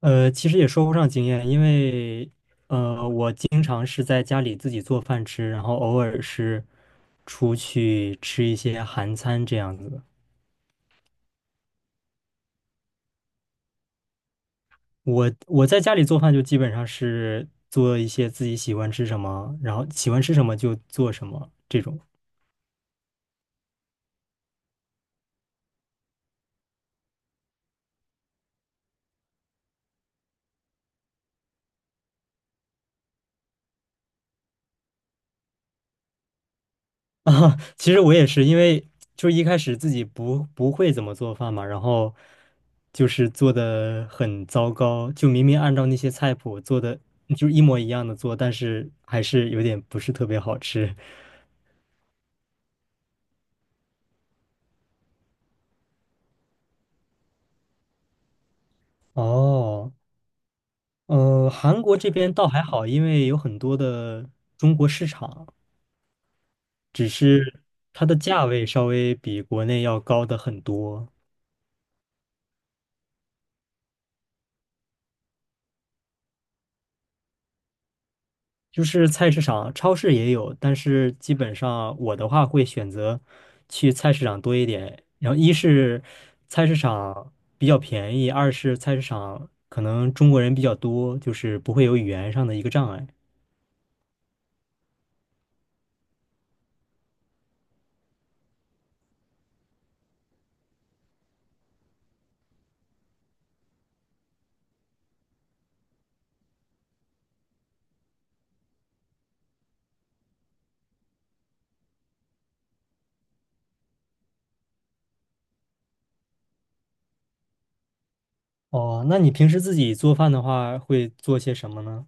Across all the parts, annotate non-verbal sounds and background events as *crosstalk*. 其实也说不上经验，因为我经常是在家里自己做饭吃，然后偶尔是出去吃一些韩餐这样子的。我在家里做饭就基本上是做一些自己喜欢吃什么，然后喜欢吃什么就做什么这种。啊，*laughs* 其实我也是，因为就是一开始自己不会怎么做饭嘛，然后就是做的很糟糕，就明明按照那些菜谱做的，就是一模一样的做，但是还是有点不是特别好吃。哦，韩国这边倒还好，因为有很多的中国市场，只是它的价位稍微比国内要高的很多。就是菜市场、超市也有，但是基本上我的话会选择去菜市场多一点。然后一是菜市场比较便宜，二是菜市场可能中国人比较多，就是不会有语言上的一个障碍。哦，那你平时自己做饭的话会做些什么呢？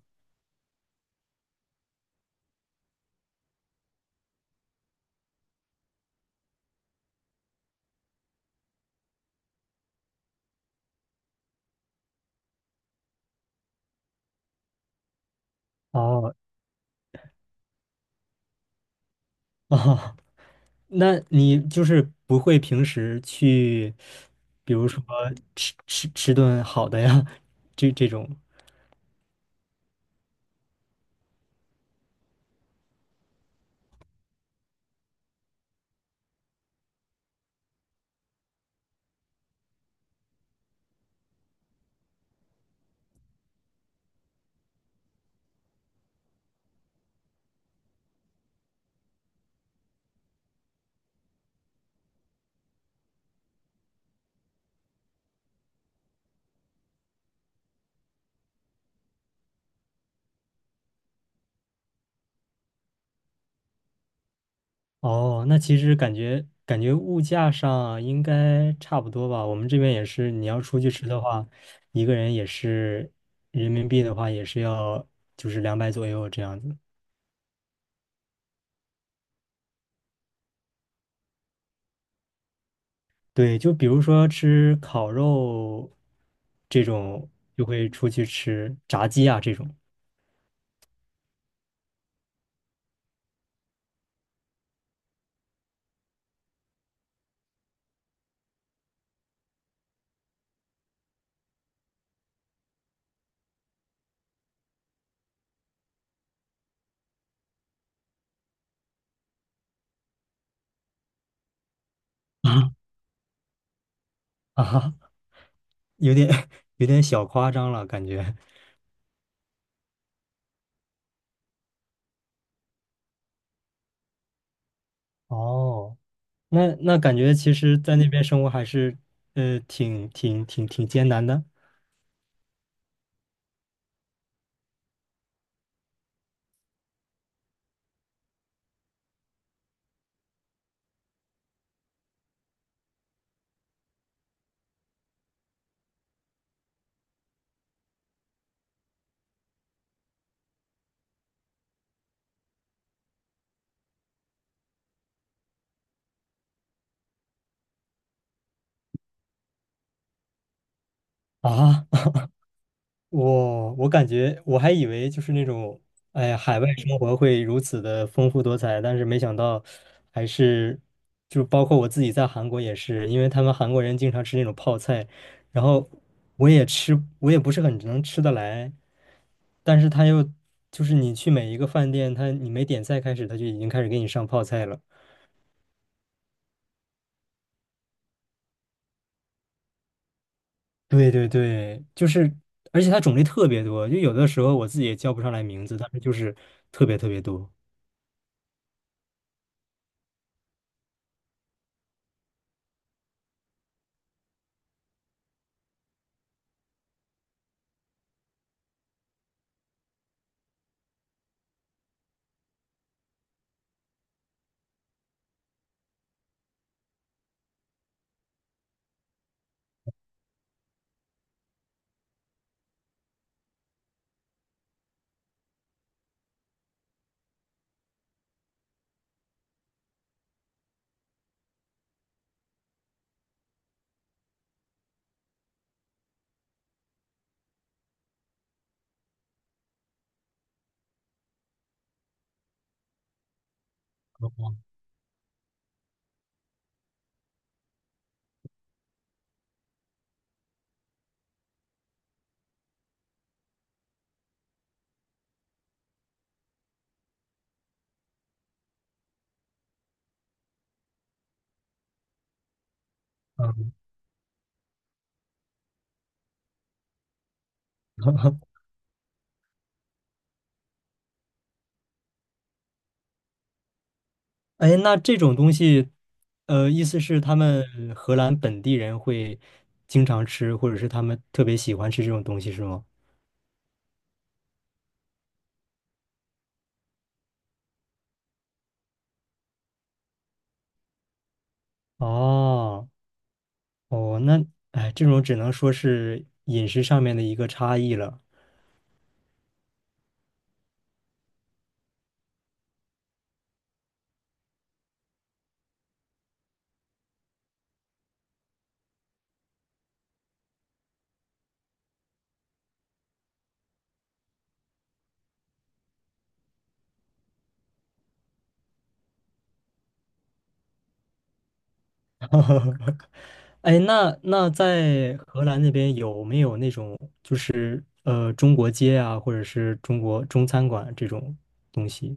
哦哦，*laughs* 那你就是不会平时去，比如说吃顿好的呀，这种。哦，那其实感觉物价上啊应该差不多吧。我们这边也是，你要出去吃的话，一个人也是人民币的话，也是要就是200左右这样子。对，就比如说吃烤肉这种，就会出去吃炸鸡啊这种。啊 *laughs* 啊哈有点 *laughs* 有点小夸张了，感觉。哦，那那感觉其实，在那边生活还是挺艰难的啊。我感觉我还以为就是那种，哎呀，海外生活会如此的丰富多彩，但是没想到还是，就包括我自己在韩国也是，因为他们韩国人经常吃那种泡菜，然后我也吃，我也不是很能吃得来，但是他又就是你去每一个饭店，他你没点菜开始，他就已经开始给你上泡菜了。对对对，就是，而且它种类特别多，就有的时候我自己也叫不上来名字，但是就是特别特别多。*laughs* 哦 *laughs* 哎，那这种东西，呃，意思是他们荷兰本地人会经常吃，或者是他们特别喜欢吃这种东西，是吗？哦，哦，那哎，这种只能说是饮食上面的一个差异了。*laughs* 哎，那那在荷兰那边有没有那种就是中国街啊，或者是中国中餐馆这种东西？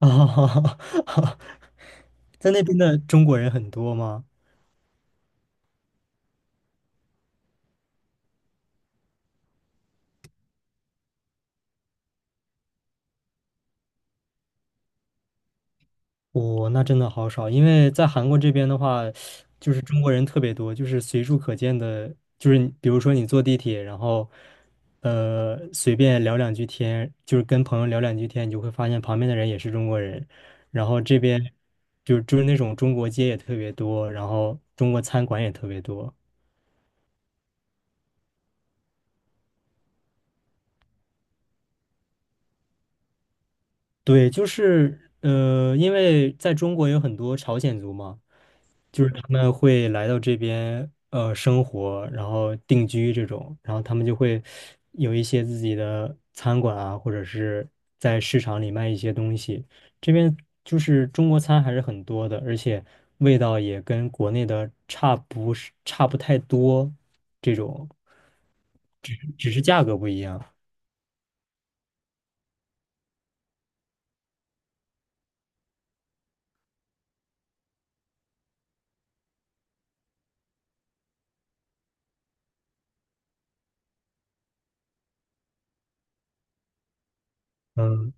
*laughs* 啊，在那边的中国人很多吗？哦，那真的好少，因为在韩国这边的话，就是中国人特别多，就是随处可见的，就是你比如说你坐地铁，然后随便聊两句天，就是跟朋友聊两句天，你就会发现旁边的人也是中国人，然后这边就是那种中国街也特别多，然后中国餐馆也特别多。对，就是因为在中国有很多朝鲜族嘛。就是他们会来到这边生活，然后定居这种，然后他们就会有一些自己的餐馆啊，或者是在市场里卖一些东西。这边就是中国餐还是很多的，而且味道也跟国内的差不太多，这种只是价格不一样。嗯，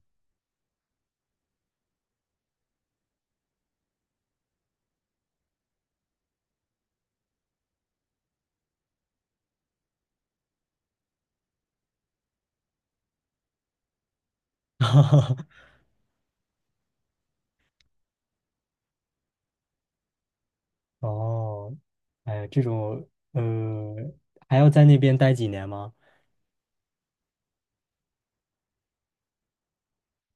*laughs* 哦，哎，这种呃，还要在那边待几年吗？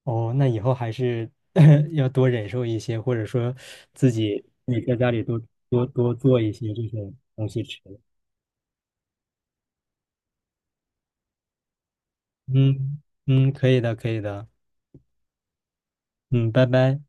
哦，那以后还是 *laughs* 要多忍受一些，或者说自己你在家里多做一些这种东西吃。嗯嗯，可以的，可以的。嗯，拜拜。